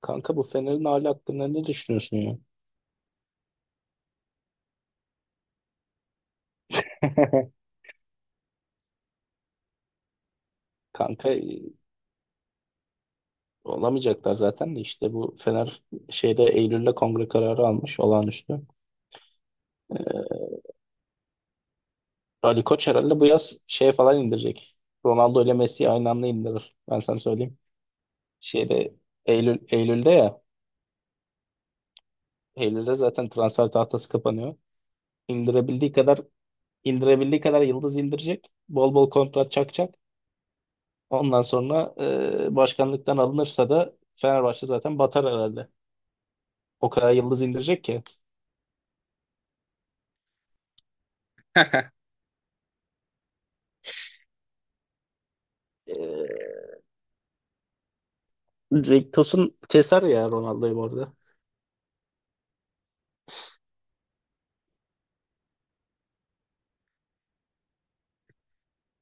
Kanka bu Fener'in hali hakkında ne düşünüyorsun ya? Kanka olamayacaklar zaten de işte bu Fener şeyde Eylül'de kongre kararı almış olağanüstü. Ee, Ali Koç herhalde bu yaz şeye falan indirecek. Ronaldo ile Messi'yi aynı anda indirir. Ben sana söyleyeyim. Şeyde Eylül'de ya. Eylül'de zaten transfer tahtası kapanıyor. İndirebildiği kadar indirebildiği kadar yıldız indirecek. Bol bol kontrat çakacak. Ondan sonra başkanlıktan alınırsa da Fenerbahçe zaten batar herhalde. O kadar yıldız indirecek ki. Ee, Cenk Tosun keser ya Ronaldo'yu bu arada.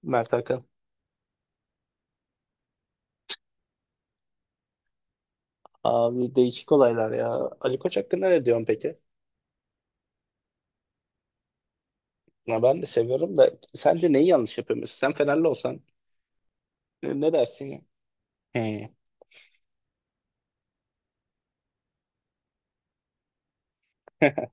Mert Hakan. Abi değişik olaylar ya. Ali Koç hakkında ne diyorsun peki? Ya ben de seviyorum da sence neyi yanlış yapıyor mesela? Sen Fenerli olsan ne dersin ya? He.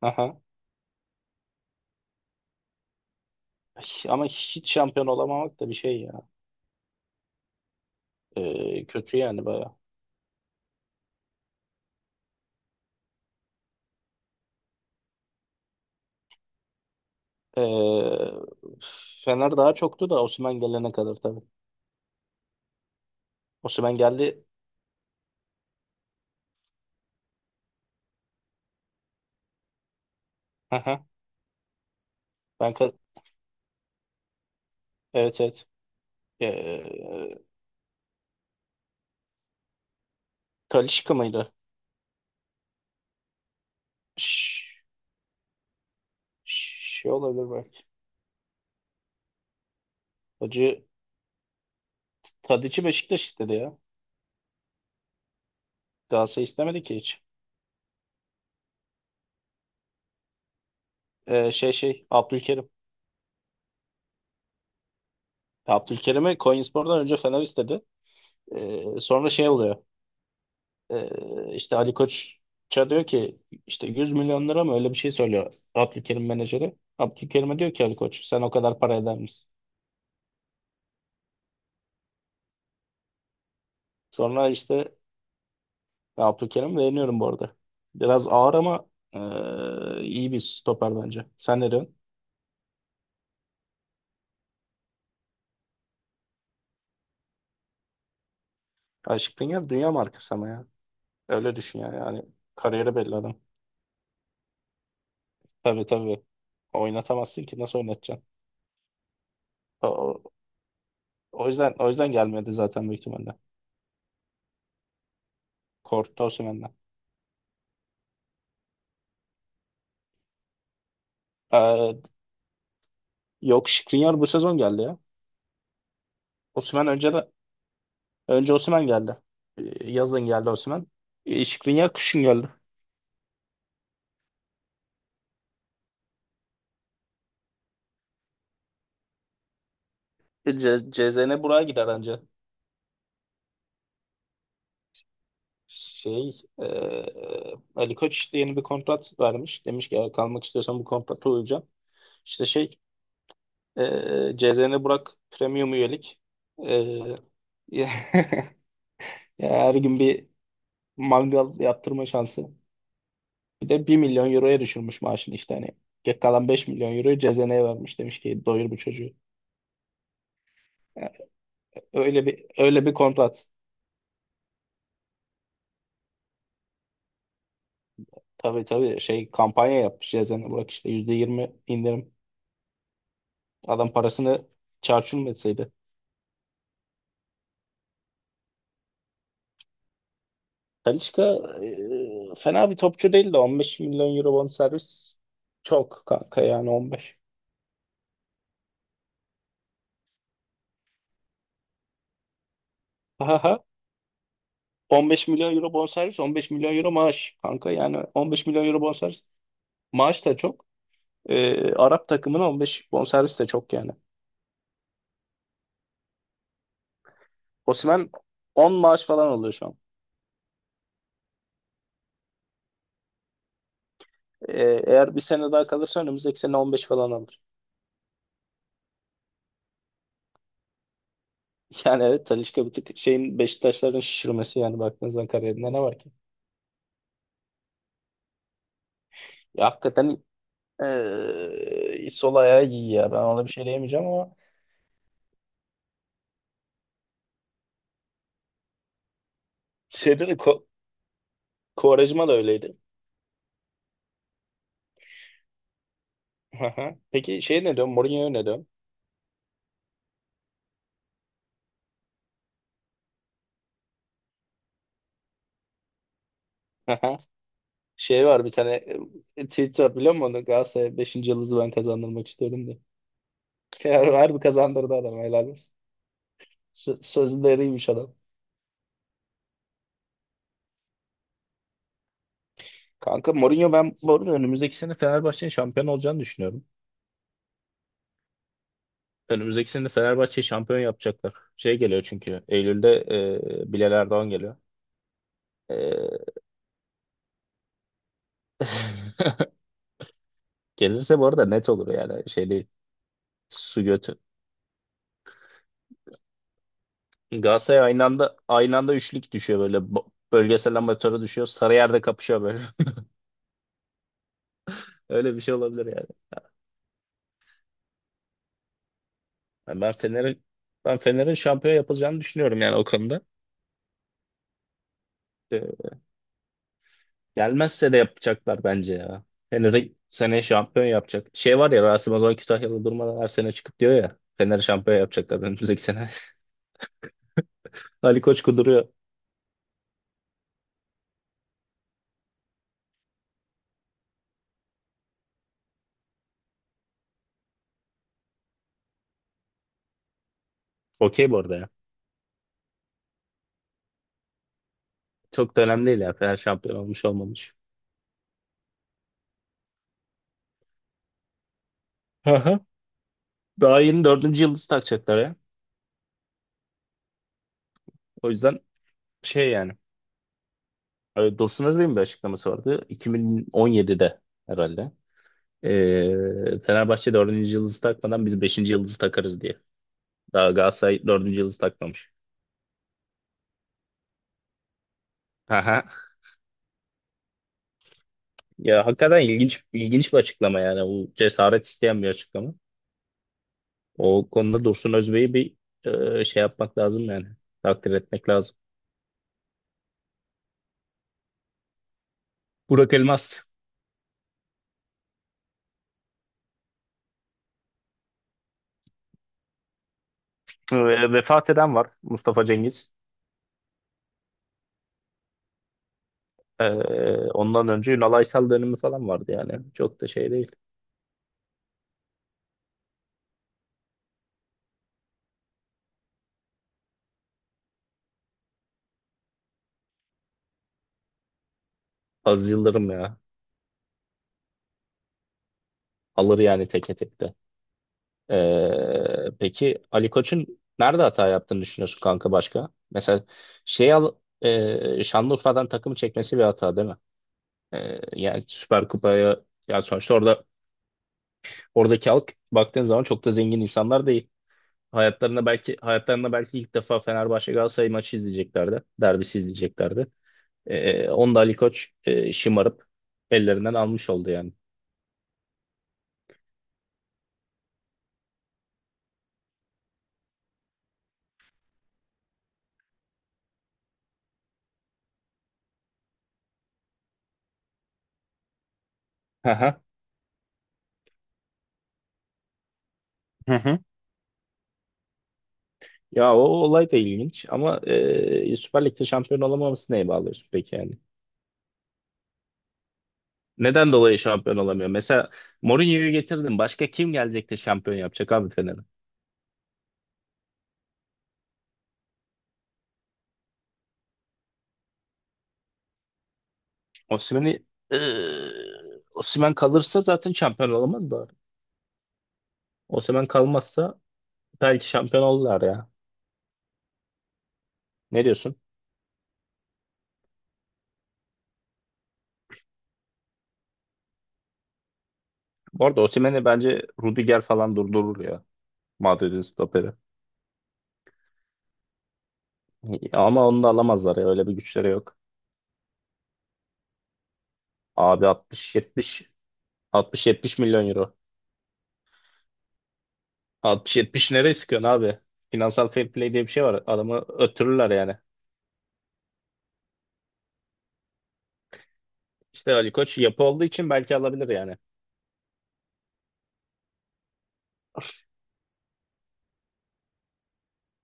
Aha. Ama hiç şampiyon olamamak da bir şey ya. Kötü yani baya. Ee, Fener daha çoktu da Osimhen gelene kadar tabii. Osimhen geldi. Aha. Ben ka- evet, evet. Ee, Talisca mıydı? Ş- Şey olabilir belki. Hacı Tadiç'i Beşiktaş istedi ya. Galatasaray istemedi ki hiç. Şey, Abdülkerim. Abdülkerim'i Konyaspor'dan önce Fener istedi. Sonra şey oluyor. İşte Ali Koç'a diyor ki işte 100 milyon lira mı öyle bir şey söylüyor Abdülkerim menajeri. Abdülkerim'e diyor ki Ali Koç sen o kadar para eder misin? Sonra işte Abdülkerim beğeniyorum bu arada. Biraz ağır ama iyi bir stoper bence. Sen ne diyorsun? Aşık Pinger dünya markası ama ya. Öyle düşün yani. Yani kariyeri belli adam. Tabii tabii. Oynatamazsın ki. Nasıl oynatacaksın? O, o o yüzden gelmedi zaten büyük ihtimalle. Korktu Osimhen'den. Ee, yok, Skriniar bu sezon geldi ya. Osimhen önce de önce Osimhen geldi. Yazın geldi Osimhen. Skriniar kışın geldi. CZN buraya gider anca. Şey e, Ali Koç işte yeni bir kontrat vermiş. Demiş ki "Eğer kalmak istiyorsan bu kontrata uyacaksın." İşte CZN Burak Premium üyelik. Ee, ya her gün bir mangal yaptırma şansı. Bir de 1 milyon euroya düşürmüş maaşını işte hani. Geri kalan 5 milyon euroyu CZN'ye vermiş demiş ki doyur bu çocuğu. Yani öyle bir kontrat. Tabii tabii şey kampanya yapmış CZN Burak işte %20 indirim. Adam parasını çarçur etseydi. Talisca fena bir topçu değil de 15 milyon euro bonservis çok kanka yani 15. 15 milyon euro bonservis, 15 milyon euro maaş kanka. Yani 15 milyon euro bonservis. Maaş da çok. Arap takımına 15 bonservis de çok yani. Osimhen 10 maaş falan alıyor şu an. Ee, eğer bir sene daha kalırsa önümüzdeki sene 15 falan alır. Yani evet Talisca bir tık şeyin Beşiktaşların şişirmesi yani baktığınız zaman kariyerinde ne var ki? Ya hakikaten sol ayağı iyi ya. Ben ona bir şey diyemeyeceğim ama şeyde de Quaresma da öyleydi. Peki şey ne diyorsun? Mourinho'ya ne diyorsun? Şey var bir tane tweet var biliyor musun? Onu? Galatasaray 5. yıldızı ben kazandırmak istiyorum diye. Harbi kazandırdı adam helal olsun. Sözleriymiş adam. Kanka Mourinho ben bu arada önümüzdeki sene Fenerbahçe'nin şampiyon olacağını düşünüyorum. Önümüzdeki sene Fenerbahçe'yi şampiyon yapacaklar. Şey geliyor çünkü Eylül'de Bilal Erdoğan geliyor. E, Gelirse bu arada net olur yani şey değil. Su götü. Galatasaray aynı anda üçlük düşüyor böyle bölgesel amatöre düşüyor. Sarıyer'de kapışıyor böyle. Öyle bir şey olabilir yani. Yani ben Fener'e ben Fener'in şampiyon yapılacağını düşünüyorum yani o konuda. Ee, gelmezse de yapacaklar bence ya. Fener'i seneye şampiyon yapacak. Şey var ya Rasim Ozan Kütahyalı durmadan her sene çıkıp diyor ya. Fener şampiyon yapacaklar önümüzdeki sene. Ali Koç kuduruyor. Okey bu arada ya. Çok da önemli değil ya. Fener şampiyon olmuş olmamış. Hı hı. Daha yeni dördüncü yıldız takacaklar ya. O yüzden şey yani. Dursun Özbey'in bir açıklaması vardı. 2017'de herhalde. Fenerbahçe dördüncü yıldızı takmadan biz beşinci yıldızı takarız diye. Daha Galatasaray dördüncü yıldız takmamış. Aha. Ya hakikaten ilginç ilginç bir açıklama yani. Bu cesaret isteyen bir açıklama. O konuda Dursun Özbey'i bir şey yapmak lazım yani. Takdir etmek lazım. Burak Elmas. e, vefat eden var. Mustafa Cengiz. E, ondan önce Ünal Aysal dönemi falan vardı yani. Çok da şey değil. Az Yıldırım ya. Alır yani teke tek de. Peki Ali Koç'un nerede hata yaptığını düşünüyorsun kanka başka? Mesela şey al Şanlıurfa'dan takımı çekmesi bir hata değil mi? Yani Süper Kupa'ya ya sonuçta oradaki halk baktığın zaman çok da zengin insanlar değil. Hayatlarında belki ilk defa Fenerbahçe Galatasaray maçı izleyeceklerdi. Derbisi izleyeceklerdi. Onu da Ali Koç şımarıp ellerinden almış oldu yani. Hı hı. Hı hı. Ya o olay da ilginç ama Süper Lig'de şampiyon olamaması neye bağlıyorsun peki yani? Neden dolayı şampiyon olamıyor? Mesela Mourinho'yu getirdin. Başka kim gelecek de şampiyon yapacak abi Fener'e? Osimhen'i e, Osimhen kalırsa zaten şampiyon olamaz da. Osimhen kalmazsa belki şampiyon olurlar ya. Ne diyorsun? Bu arada Osimhen'i bence Rudiger falan durdurur ya. Madrid'in stoperi. Ama onu da alamazlar ya. Öyle bir güçleri yok. Abi 60-70 milyon euro. 60-70 nereye sıkıyorsun abi? Finansal fair play diye bir şey var. Adamı öttürürler yani. İşte Ali Koç yapı olduğu için belki alabilir yani.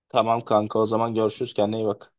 Tamam kanka o zaman görüşürüz. Kendine iyi bak.